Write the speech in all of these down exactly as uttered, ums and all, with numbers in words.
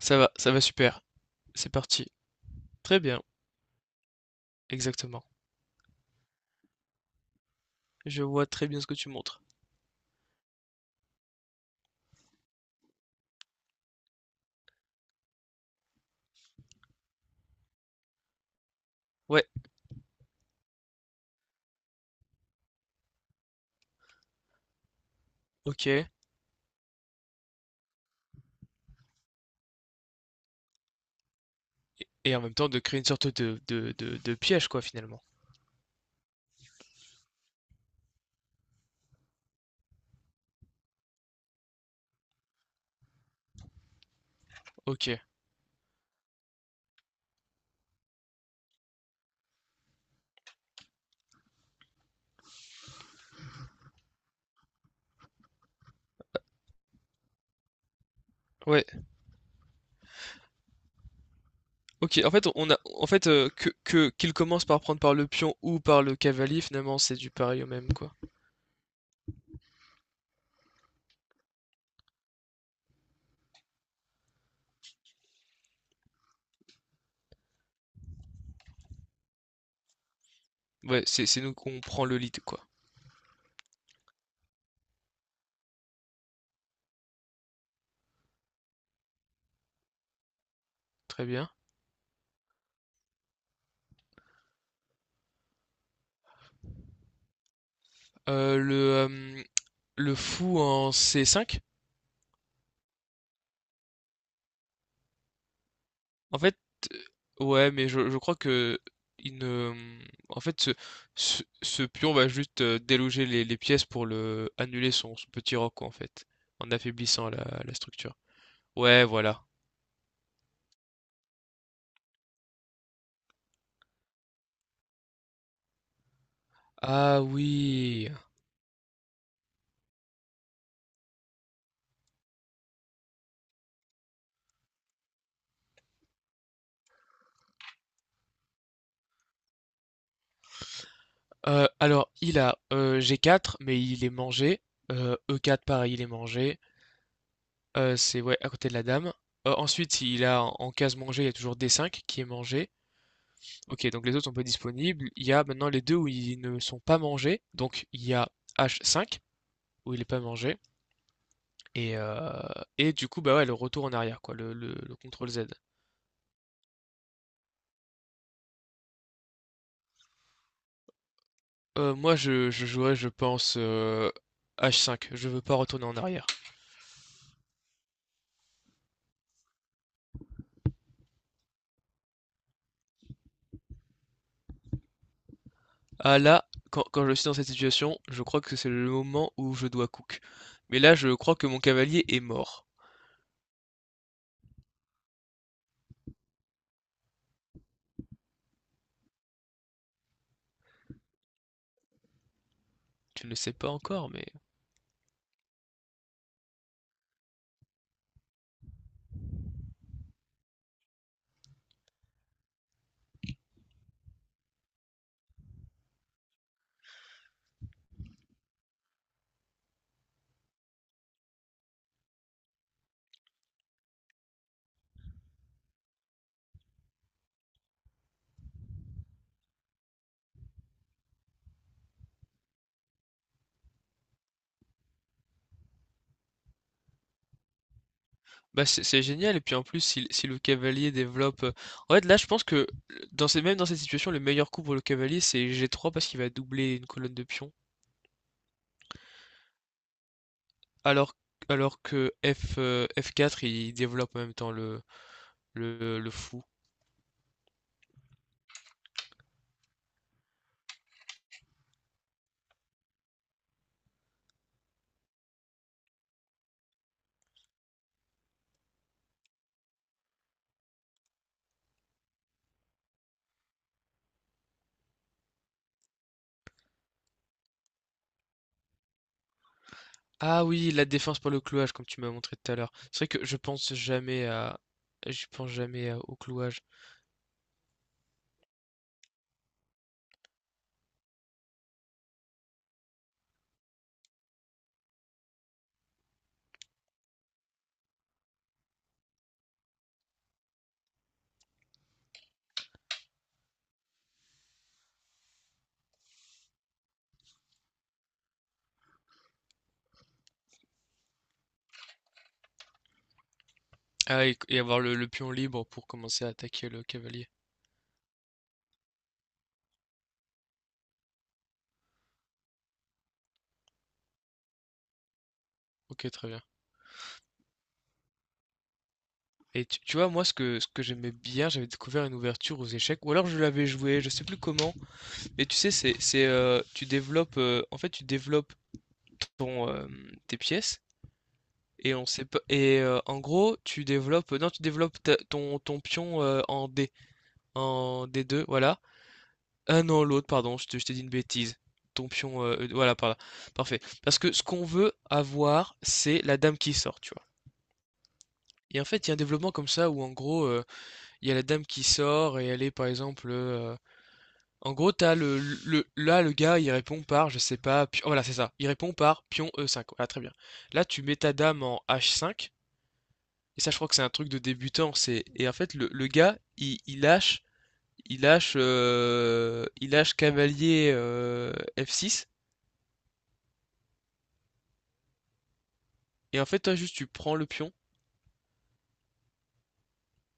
Ça va, ça va super. C'est parti. Très bien, exactement. Je vois très bien ce que tu montres. Ouais, OK, et et en même temps de créer une sorte de de de de piège quoi finalement. OK. Ouais, OK. En fait, on a en fait, heu, que que qu'il commence par prendre par le pion ou par le cavalier, finalement, c'est du pareil au même, quoi. Ouais, c'est c'est nous qu'on prend le lead, quoi. Très bien. Heu, le, hem, le fou en cé cinq? En fait, euh, ouais, mais je, je crois que il ne... en fait, ce, ce, ce pion va juste euh, déloger les, les pièces pour le annuler son, son petit roc, quoi, en fait, en affaiblissant la, la structure. Ouais, voilà. Ah oui. Euh, alors, il a euh, gé quatre, mais il est mangé. Euh, e quatre, pareil, il est mangé. Euh, c'est ouais, à côté de la dame. Euh, ensuite, il a en en case mangée, il y a toujours dé cinq qui est mangé. Ok, donc les autres sont pas disponibles. Il y a maintenant les deux où ils ne sont pas mangés. Donc il y a ache cinq où il est pas mangé. Et, euh, et du coup, bah ouais, le retour en arrière, quoi, le, le, le contrôle zède. Euh, moi, je, je jouerais, je pense, euh, ache cinq. Je veux pas retourner en arrière. Ah là, quand, quand je suis dans cette situation, je crois que c'est le moment où je dois cook. Mais là, je crois que mon cavalier est mort. Tu ne le sais pas encore, mais. Bah, c'est c'est génial et puis en plus si, si le cavalier développe euh, en fait là je pense que dans ces, même dans cette situation le meilleur coup pour le cavalier c'est gé trois parce qu'il va doubler une colonne de pions alors alors que F euh, ef quatre il développe en même temps le le, le fou. Ah oui, la défense par le clouage comme tu m'as montré tout à l'heure. C'est vrai que je pense jamais à je pense jamais à- au clouage. Ah et, et avoir le, le pion libre pour commencer à attaquer le cavalier. OK, très bien. Et tu, tu vois, moi, ce que, ce que j'aimais bien, j'avais découvert une ouverture aux échecs, ou alors je l'avais joué, je sais plus comment, mais tu sais, c'est, c'est, euh, tu développes, euh, en fait, tu développes ton, euh, tes pièces, et on sait pas, et euh, en gros, tu développes, non, tu développes ta- ton, ton pion euh, en D, en dé deux, voilà. Ah non, l'autre, pardon, je te- je t'ai dit une bêtise. Ton pion, euh, euh, voilà, par là. Parfait. Parce que ce qu'on veut avoir, c'est la dame qui sort, tu vois. Et en fait, il y a un développement comme ça où, en gros, euh, il y a la dame qui sort et elle est par exemple euh, en gros t'as le, le là le gars il répond par je sais pas pi- oh, voilà c'est ça, il répond par pion e cinq, voilà très bien, là tu mets ta dame en ache cinq. Et ça je crois que c'est un truc de débutant, c'est et en fait le, le gars il, il lâche il lâche euh, il lâche cavalier euh, ef six, et en fait toi juste tu prends le pion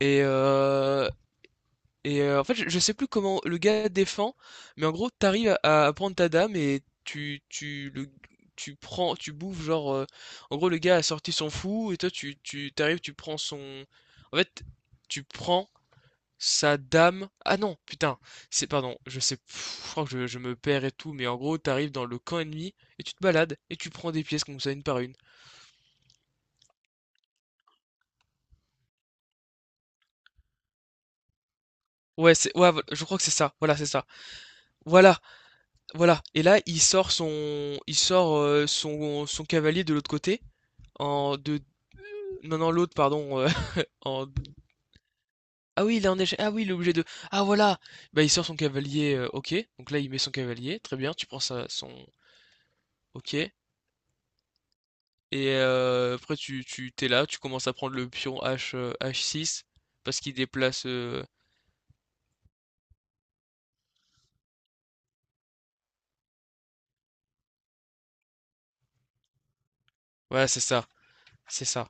et, euh, Et euh, en fait, je, je sais plus comment le gars défend, mais en gros, t'arrives à, à prendre ta dame et tu, tu, le, tu prends, tu bouffes, genre, euh, en gros, le gars a sorti son fou et toi, tu, tu, t'arrives, tu prends son, en fait, tu prends sa dame. Ah non, putain, c'est, pardon, je sais, pff, je crois que je, je me perds et tout, mais en gros, t'arrives dans le camp ennemi et tu te balades et tu prends des pièces comme ça, une par une. Ouais, c'est, ouais, voilà, je crois que c'est ça. Voilà, c'est ça. Voilà, Voilà. Et là, il sort son, il sort euh, son, son cavalier de l'autre côté, en de, non non l'autre, pardon, euh, en, ah oui, il est en échec, ah oui, il est obligé de, ah voilà, bah il sort son cavalier, euh, ok. Donc là, il met son cavalier, très bien. Tu prends ça, son, ok. Et euh, après, tu, tu t'es là, tu commences à prendre le pion H, euh, ache six parce qu'il déplace, euh, voilà, c'est ça, c'est ça.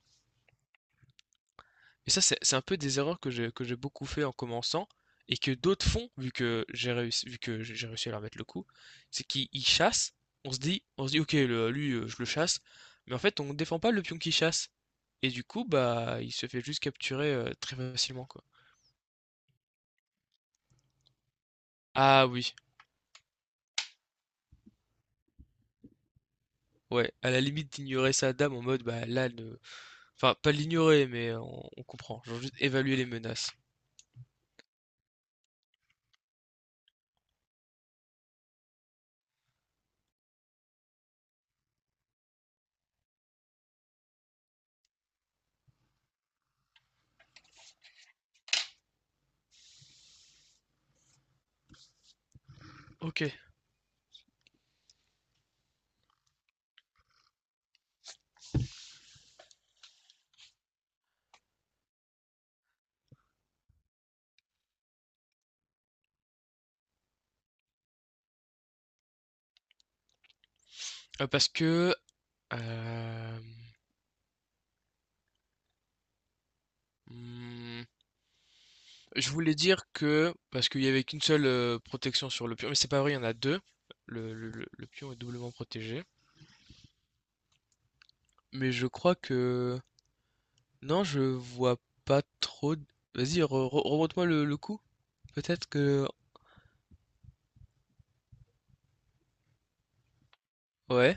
Et ça, c'est c'est un peu des erreurs que j'ai que j'ai beaucoup fait en commençant et que d'autres font, vu que j'ai réussi, vu que j'ai réussi à leur mettre le coup, c'est qu'ils ils chassent, on se dit, on se dit, ok, le- lui, euh, je le chasse, mais en fait, on ne défend pas le pion qui chasse. Et du coup, bah, il se fait juste capturer euh, très facilement, quoi. Ah oui, ouais, à la limite d'ignorer sa dame en mode, bah là, ne... enfin, pas l'ignorer, mais euh, on, on comprend, genre juste évaluer les menaces. Ok, Euh, parce que... euh, hmm, Je voulais dire que, parce qu'il y avait qu'une seule euh, protection sur le pion, mais c'est pas vrai, il y en a deux. Le, le- le- le pion est doublement protégé. Mais je crois que... Non, je vois pas trop... d- Vas-y, re- re- remonte-moi le, le coup. Peut-être que... Ouais.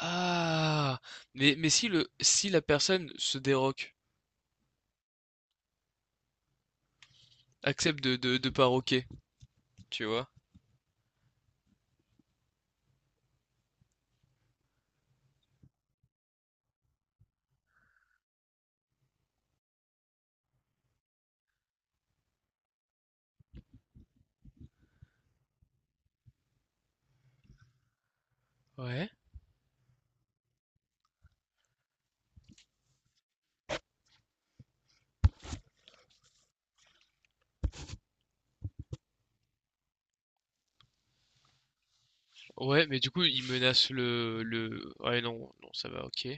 Ah! Mais, mais si le, si la personne se déroque, accepte de, de, de paroquer, tu vois. Ouais. Ouais, mais du coup, il menace le, le... Ouais, non, non, ça va, ok.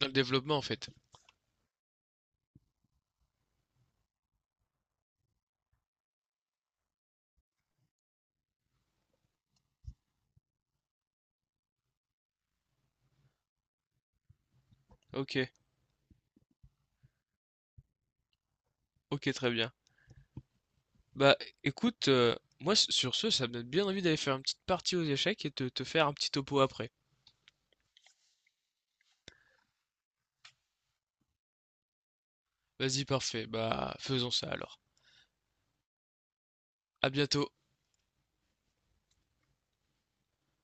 Dans le développement, en fait. Ok, ok, très bien. Bah écoute, euh, moi s- sur ce, ça me donne bien envie d'aller faire une petite partie aux échecs et de te faire un petit topo après. Vas-y, parfait. Bah faisons ça alors. À bientôt.